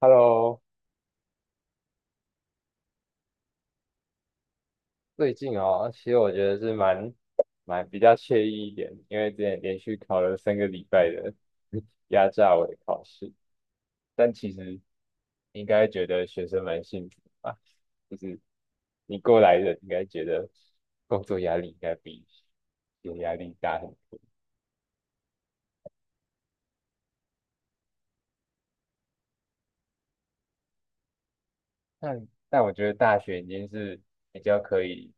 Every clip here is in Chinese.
Hello，最近哦，其实我觉得是蛮比较惬意一点，因为之前连续考了三个礼拜的 压榨我的考试，但其实应该觉得学生蛮幸福吧，就是你过来人应该觉得工作压力应该比有压力大很多。但我觉得大学已经是比较可以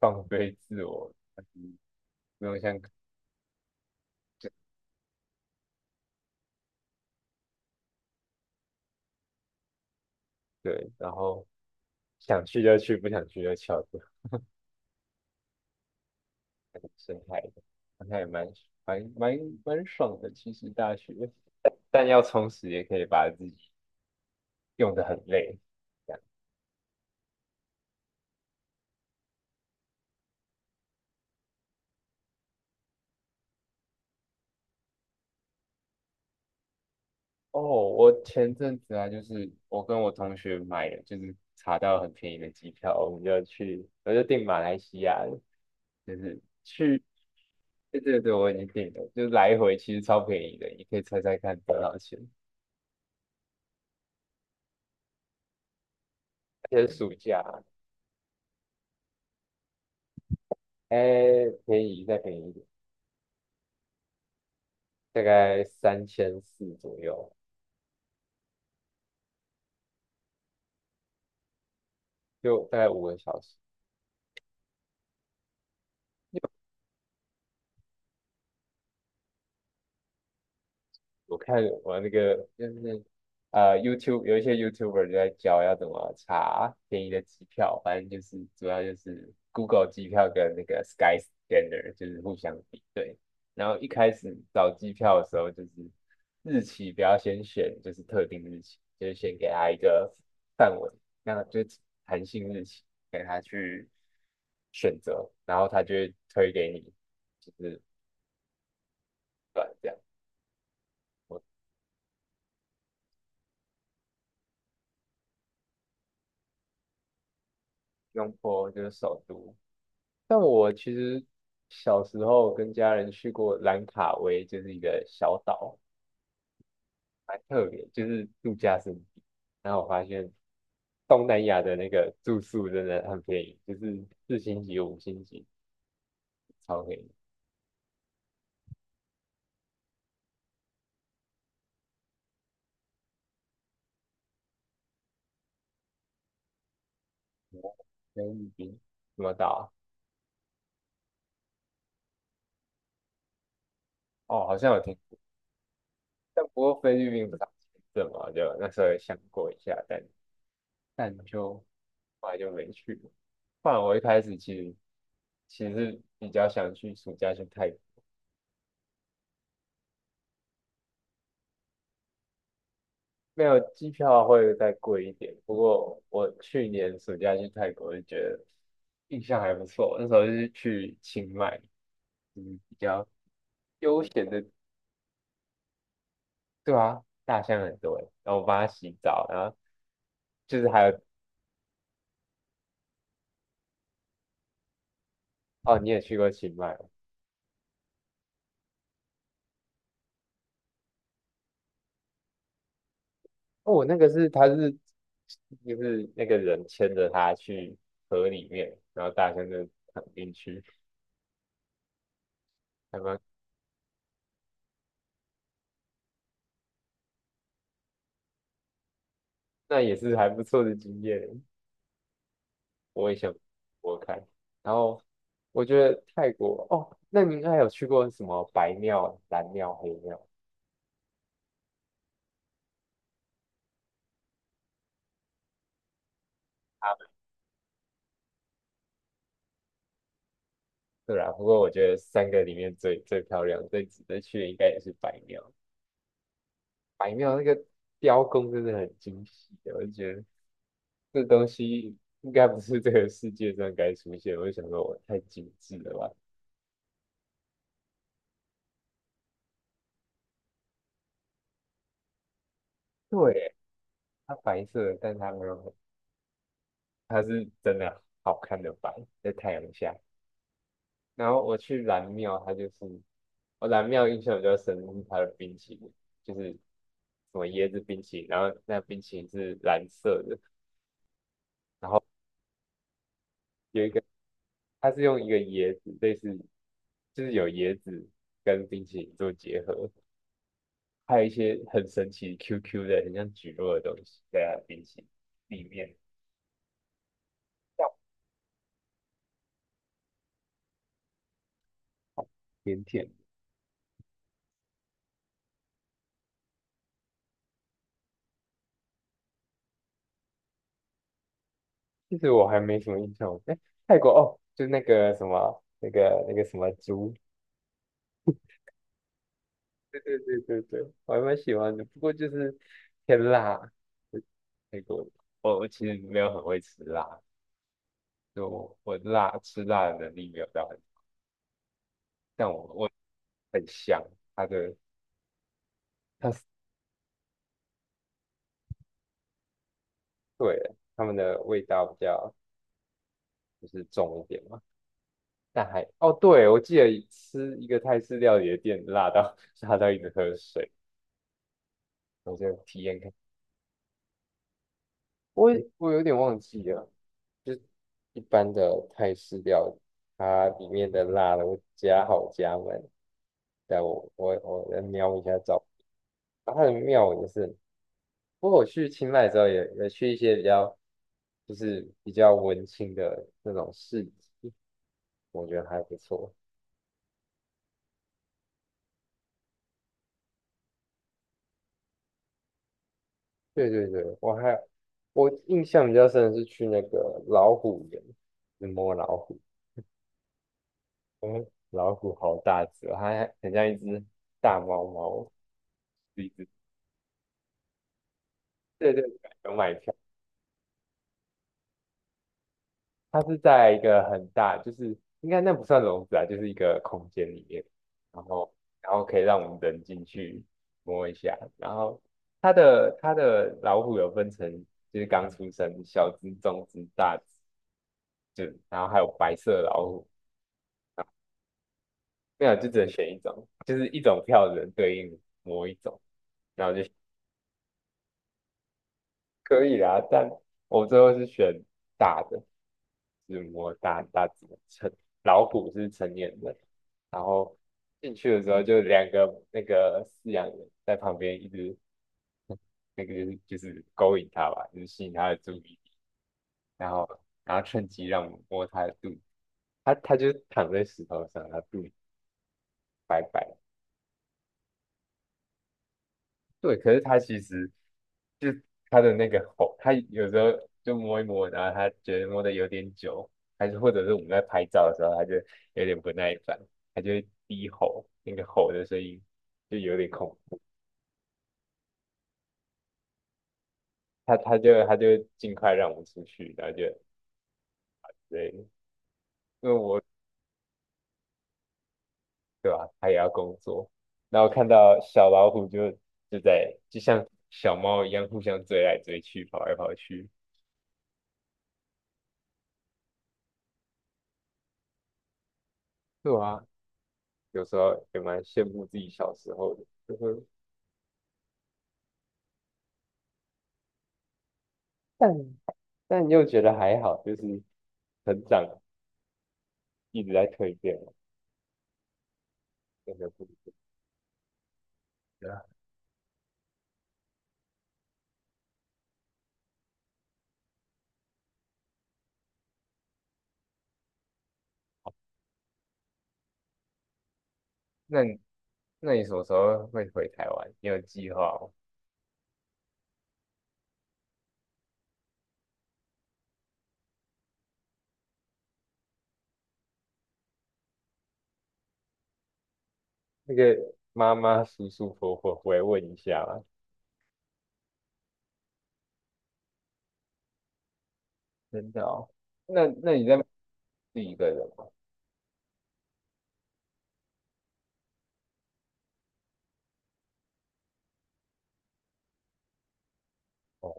放飞自我，嗯不用像对，然后想去就去，不想去就翘课。深海的，那也蛮蛮蛮爽的。其实大学，但要充实也可以把自己用得很累。这样哦，我前阵子啊，就是我跟我同学买了，就是查到很便宜的机票，我们就去，我就订马来西亚了就是去，对对对，我已经订了，就是来回其实超便宜的，你可以猜猜看多少钱？而且是暑假，哎，便宜再便宜一点，大概三千四左右，就大概五个小时。我看我那个就是啊 y o u t u b e 有一些 YouTuber 就在教要怎么查便宜的机票，反正就是主要就是 Google 机票跟那个 Skyscanner 就是互相比对。然后一开始找机票的时候，就是日期不要先选，就是特定日期，就是先给他一个范围，那就是弹性日期给他去选择，然后他就会推给你，就是短这样。我用过就是首都。但我其实小时候跟家人去过兰卡威，就是一个小岛，蛮特别，就是度假胜地。然后我发现东南亚的那个住宿真的很便宜，就是四星级、五星级，超便宜。菲律宾什么岛啊哦，好像有听，但不过菲律宾不是有签证嘛，就那时候有想过一下，但但就后来就没去了。不然我一开始其实比较想去暑假去泰国。没有机票会再贵一点，不过我去年暑假去泰国就觉得印象还不错，那时候是去清迈，嗯，比较悠闲的，对啊，大象很多欸然后我帮它洗澡，然后就是还有哦，你也去过清迈哦，哦我那个是他是就是那个人牵着它去河里面，然后大象就躺进去，还蛮那也是还不错的经验，我也想我看，然后我觉得泰国哦，那你应该有去过什么白庙、蓝庙、黑庙？对啊，不过我觉得三个里面最漂亮、最值得去的应该也是白庙。白庙那个雕工真的很精细的，我就觉得这东西应该不是这个世界上该出现。我就想说，我太精致了吧？对，它白色，但它没有很它是真的好看的白，在太阳下。然后我去蓝庙，它就是我蓝庙印象比较深是它的冰淇淋，就是什么椰子冰淇淋，然后那冰淇淋是蓝色的，然后有一个它是用一个椰子，类似就是有椰子跟冰淇淋做结合，还有一些很神奇 QQ 的，很像橘蒻的东西在它的冰淇淋里面，甜甜的。其实我还没什么印象，哎，泰国哦，就那个什么那个什么竹对对对对对，我还蛮喜欢的，不过就是偏辣，那个我其实没有很会吃辣，就我辣吃辣的能力没有到很，但我很香，它的它是对它们的味道比较就是重一点嘛，但还哦对，我记得吃一个泰式料理的店辣到 辣到一直喝水，我就体验看，我我有点忘记了，就一般的泰式料理，它里面的辣的我加好加满。但我来瞄一下照片，啊它的庙也是，不过我去清迈之后也去一些比较就是比较文青的那种市集，我觉得还不错。对对对，我还我印象比较深的是去那个老虎园，去摸老虎，嗯，老虎好大只哦，它还很像一只大猫猫，是一只。对对，有买票。它是在一个很大，就是应该那不算笼子啊，就是一个空间里面，然后然后可以让我们人进去摸一下，然后它的老虎有分成，就是刚出生、小只、中只、大只，就然后还有白色的老虎，没有就只能选一种，就是一种票只能对应某一种，然后就可以啦，但我最后是选大的，是摸大大只的成老虎是成年人，然后进去的时候就两个那个饲养员在旁边一直那个就是勾引它吧，就是吸引它的注意力，然后然后趁机让我摸它的肚子，它就躺在石头上，它肚子白白对，可是它其实就它的那个吼，它有时候就摸一摸，然后它觉得摸的有点久，还是或者是我们在拍照的时候，它就有点不耐烦，它就会低吼，那个吼的声音就有点恐怖，它就尽快让我们出去，然后就对，因为我对吧，它也要工作，然后看到小老虎就就在就像小猫一样互相追来追去，跑来跑去，对啊，有时候也蛮羡慕自己小时候的。就是。但但又觉得还好，就是成长一直在蜕变嘛，真的不一定。对啊那你那你什么时候会回台湾？你有计划吗？那个妈妈、舒舒服服回来问一下嘛。真的哦。那那你在自己一个人吗？哦，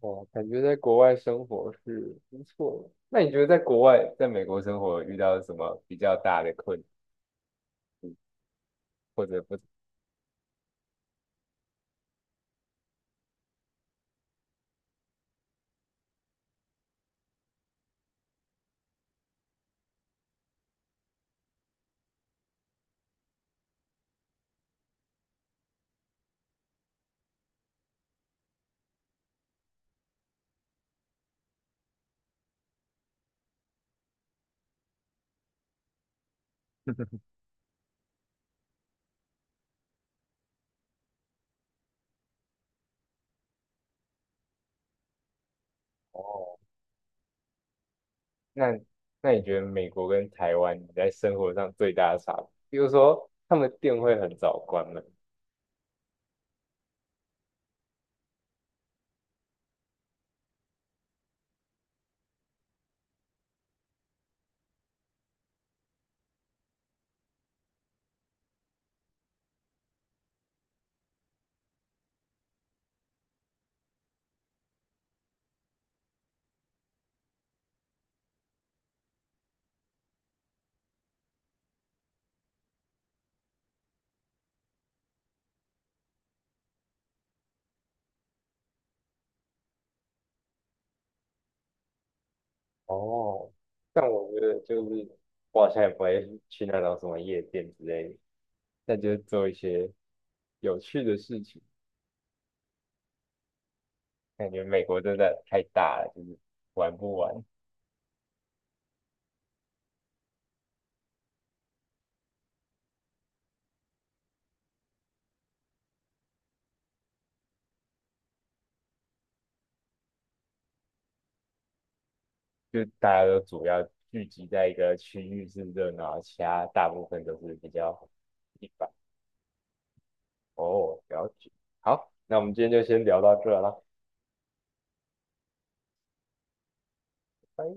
哦，感觉在国外生活是不错的那你觉得在国外？在美国生活有遇到什么比较大的困，或者不？哦。那那你觉得美国跟台湾你在生活上最大的差别？比如说他们店会很早关门哦，但我觉得就是我好像也不会去那种什么夜店之类的，那就是做一些有趣的事情。感觉美国真的太大了，就是玩不完，就大家都主要聚集在一个区域是热闹，其他大部分都是比较一般。哦，了解。好，那我们今天就先聊到这了，拜。